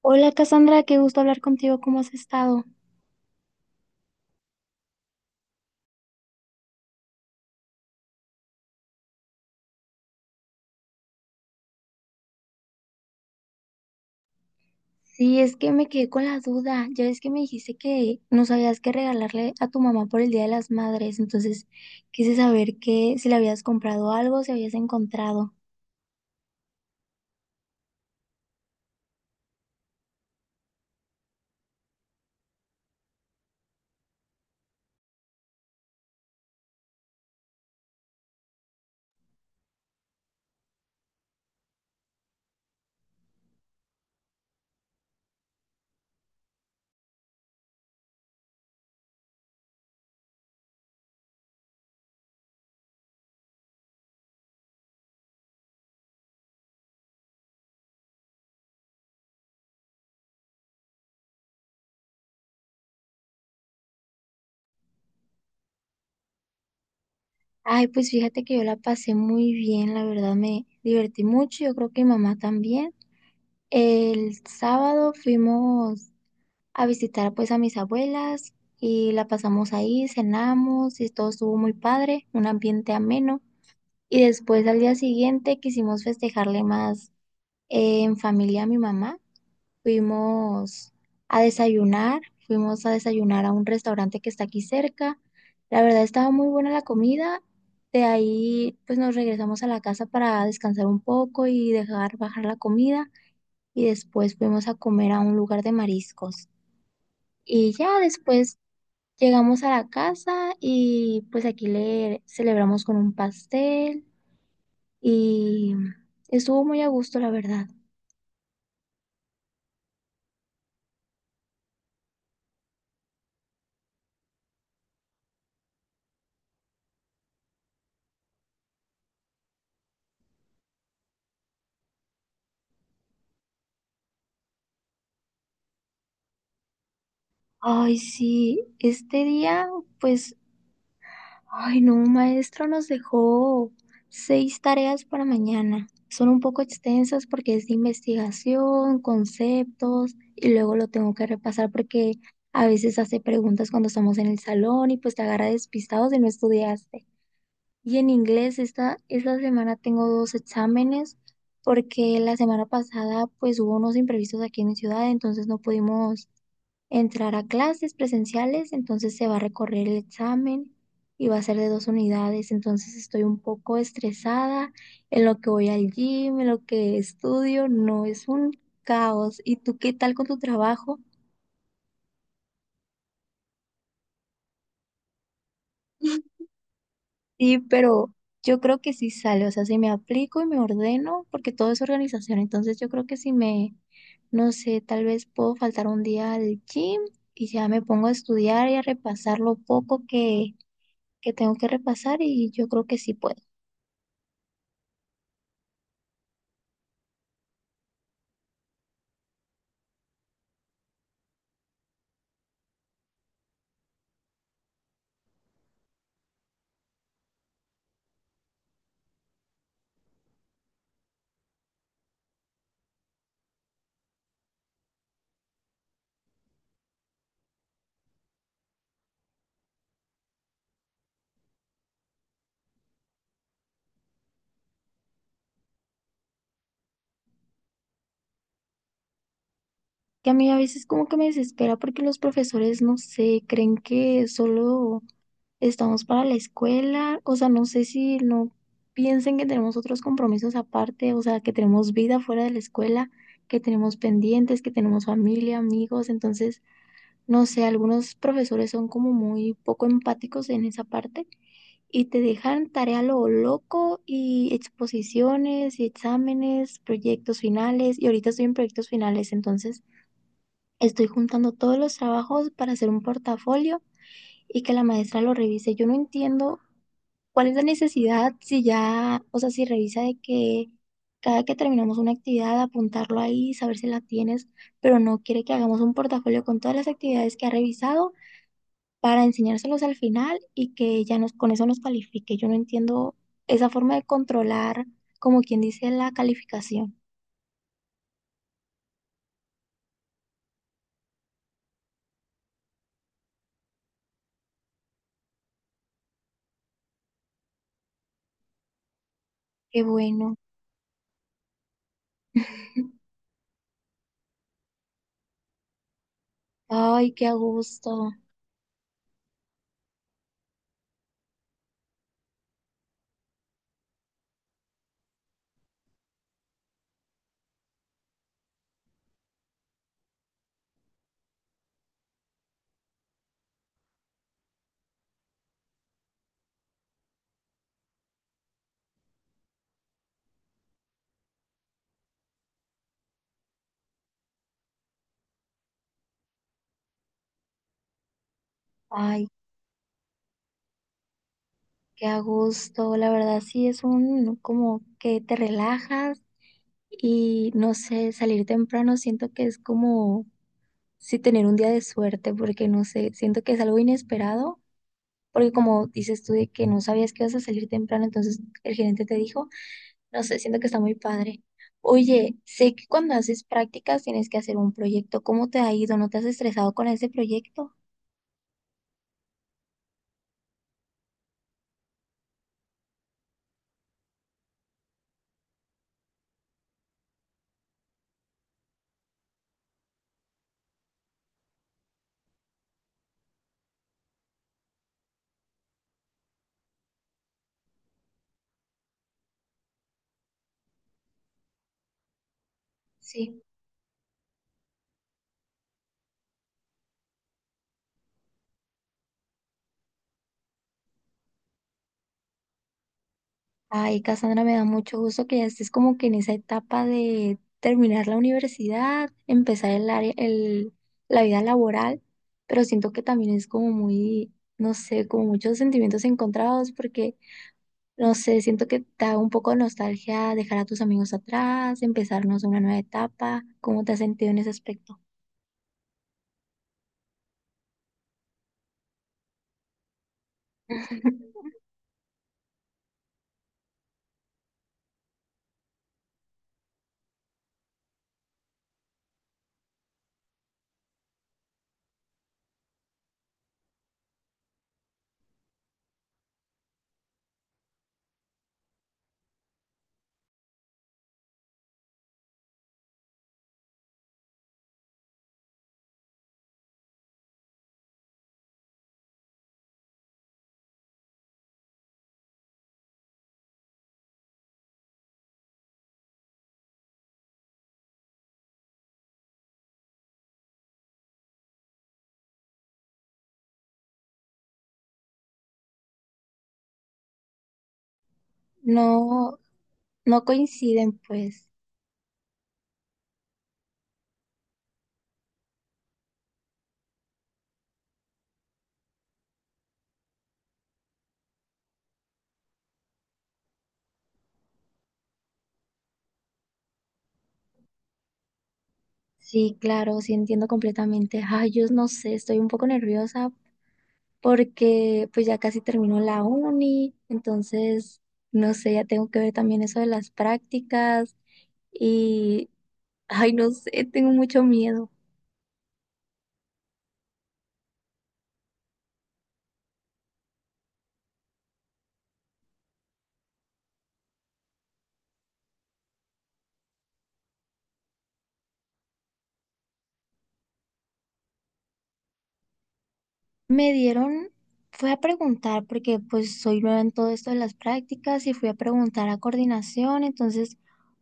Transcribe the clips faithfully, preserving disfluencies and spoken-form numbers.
Hola Cassandra, qué gusto hablar contigo, ¿cómo has estado? Sí, es que me quedé con la duda, ya ves que me dijiste que no sabías qué regalarle a tu mamá por el Día de las Madres, entonces quise saber que si le habías comprado algo, si habías encontrado. Ay, pues fíjate que yo la pasé muy bien, la verdad me divertí mucho, yo creo que mi mamá también. El sábado fuimos a visitar pues a mis abuelas y la pasamos ahí, cenamos y todo estuvo muy padre, un ambiente ameno. Y después al día siguiente quisimos festejarle más eh, en familia a mi mamá. Fuimos a desayunar, fuimos a desayunar a un restaurante que está aquí cerca. La verdad estaba muy buena la comida. De ahí pues nos regresamos a la casa para descansar un poco y dejar bajar la comida. Y después fuimos a comer a un lugar de mariscos. Y ya después llegamos a la casa y pues aquí le celebramos con un pastel y estuvo muy a gusto, la verdad. Ay, sí, este día, pues, ay, no, un maestro nos dejó seis tareas para mañana. Son un poco extensas porque es de investigación, conceptos, y luego lo tengo que repasar porque a veces hace preguntas cuando estamos en el salón y pues te agarra despistados y no estudiaste. Y en inglés, esta, esta semana tengo dos exámenes porque la semana pasada pues hubo unos imprevistos aquí en mi ciudad, entonces no pudimos entrar a clases presenciales, entonces se va a recorrer el examen y va a ser de dos unidades, entonces estoy un poco estresada en lo que voy al gym, en lo que estudio, no es un caos. ¿Y tú qué tal con tu trabajo? Sí, pero yo creo que sí sale, o sea, si me aplico y me ordeno, porque todo es organización, entonces yo creo que si me, no sé, tal vez puedo faltar un día al gym y ya me pongo a estudiar y a repasar lo poco que, que tengo que repasar y yo creo que sí puedo. Que a mí a veces como que me desespera porque los profesores, no sé, creen que solo estamos para la escuela, o sea, no sé si no piensen que tenemos otros compromisos aparte, o sea, que tenemos vida fuera de la escuela, que tenemos pendientes, que tenemos familia, amigos, entonces, no sé, algunos profesores son como muy poco empáticos en esa parte y te dejan tarea a lo loco y exposiciones y exámenes, proyectos finales, y ahorita estoy en proyectos finales, entonces estoy juntando todos los trabajos para hacer un portafolio y que la maestra lo revise. Yo no entiendo, ¿cuál es la necesidad si ya, o sea, si revisa de que cada que terminamos una actividad, apuntarlo ahí, saber si la tienes, pero no quiere que hagamos un portafolio con todas las actividades que ha revisado para enseñárselos al final y que ya nos, con eso nos califique? Yo no entiendo esa forma de controlar, como quien dice, la calificación. Qué bueno. Ay, qué a gusto. Ay, qué a gusto. La verdad sí es un como que te relajas. Y no sé, salir temprano siento que es como si tener un día de suerte, porque no sé, siento que es algo inesperado, porque como dices tú de que no sabías que ibas a salir temprano, entonces el gerente te dijo, no sé, siento que está muy padre. Oye, sé que cuando haces prácticas tienes que hacer un proyecto, ¿cómo te ha ido? ¿No te has estresado con ese proyecto? Sí. Ay, Cassandra, me da mucho gusto que ya estés como que en esa etapa de terminar la universidad, empezar el área, el, la vida laboral, pero siento que también es como muy, no sé, como muchos sentimientos encontrados, porque, no sé, siento que te da un poco de nostalgia dejar a tus amigos atrás, empezarnos una nueva etapa, ¿cómo te has sentido en ese aspecto? No, no coinciden, pues. Sí, claro, sí entiendo completamente. Ay, yo no sé, estoy un poco nerviosa porque pues ya casi termino la uni, entonces, no sé, ya tengo que ver también eso de las prácticas y, ay, no sé, tengo mucho miedo. Me dieron, fui a preguntar, porque pues soy nueva en todo esto de las prácticas y fui a preguntar a coordinación, entonces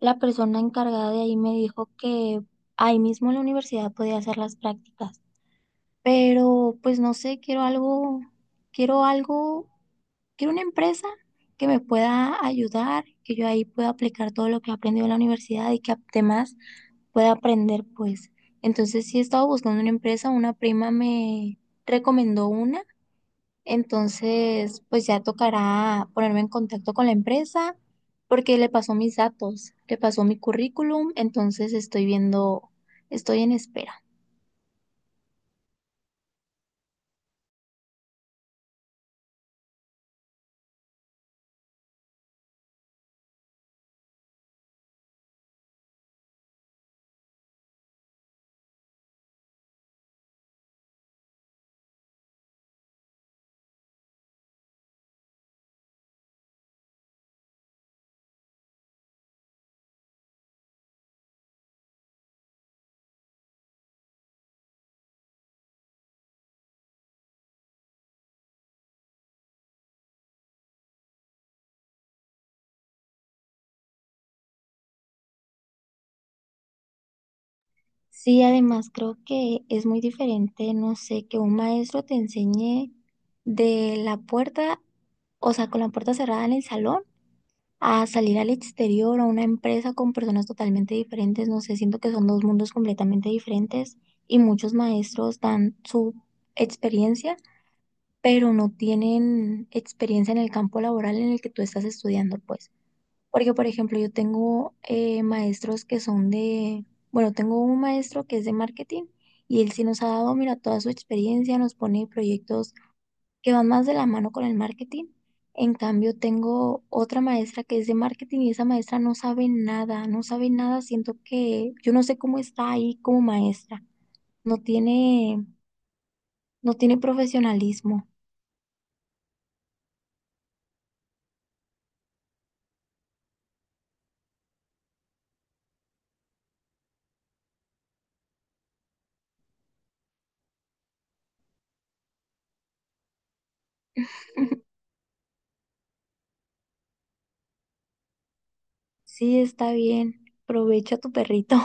la persona encargada de ahí me dijo que ahí mismo en la universidad podía hacer las prácticas. Pero pues no sé, quiero algo, quiero algo, quiero una empresa que me pueda ayudar, que yo ahí pueda aplicar todo lo que he aprendido en la universidad y que además pueda aprender, pues. Entonces sí he estado buscando una empresa, una prima me recomendó una, entonces pues ya tocará ponerme en contacto con la empresa porque le pasó mis datos, le pasó mi currículum, entonces estoy viendo, estoy en espera. Sí, además creo que es muy diferente, no sé, que un maestro te enseñe de la puerta, o sea, con la puerta cerrada en el salón, a salir al exterior, a una empresa con personas totalmente diferentes, no sé, siento que son dos mundos completamente diferentes y muchos maestros dan su experiencia, pero no tienen experiencia en el campo laboral en el que tú estás estudiando, pues. Porque, por ejemplo, yo tengo eh, maestros que son de, bueno, tengo un maestro que es de marketing y él sí nos ha dado, mira, toda su experiencia, nos pone proyectos que van más de la mano con el marketing. En cambio, tengo otra maestra que es de marketing y esa maestra no sabe nada, no sabe nada, siento que yo no sé cómo está ahí como maestra, no tiene, no tiene profesionalismo. Sí, está bien, aprovecha tu perrito.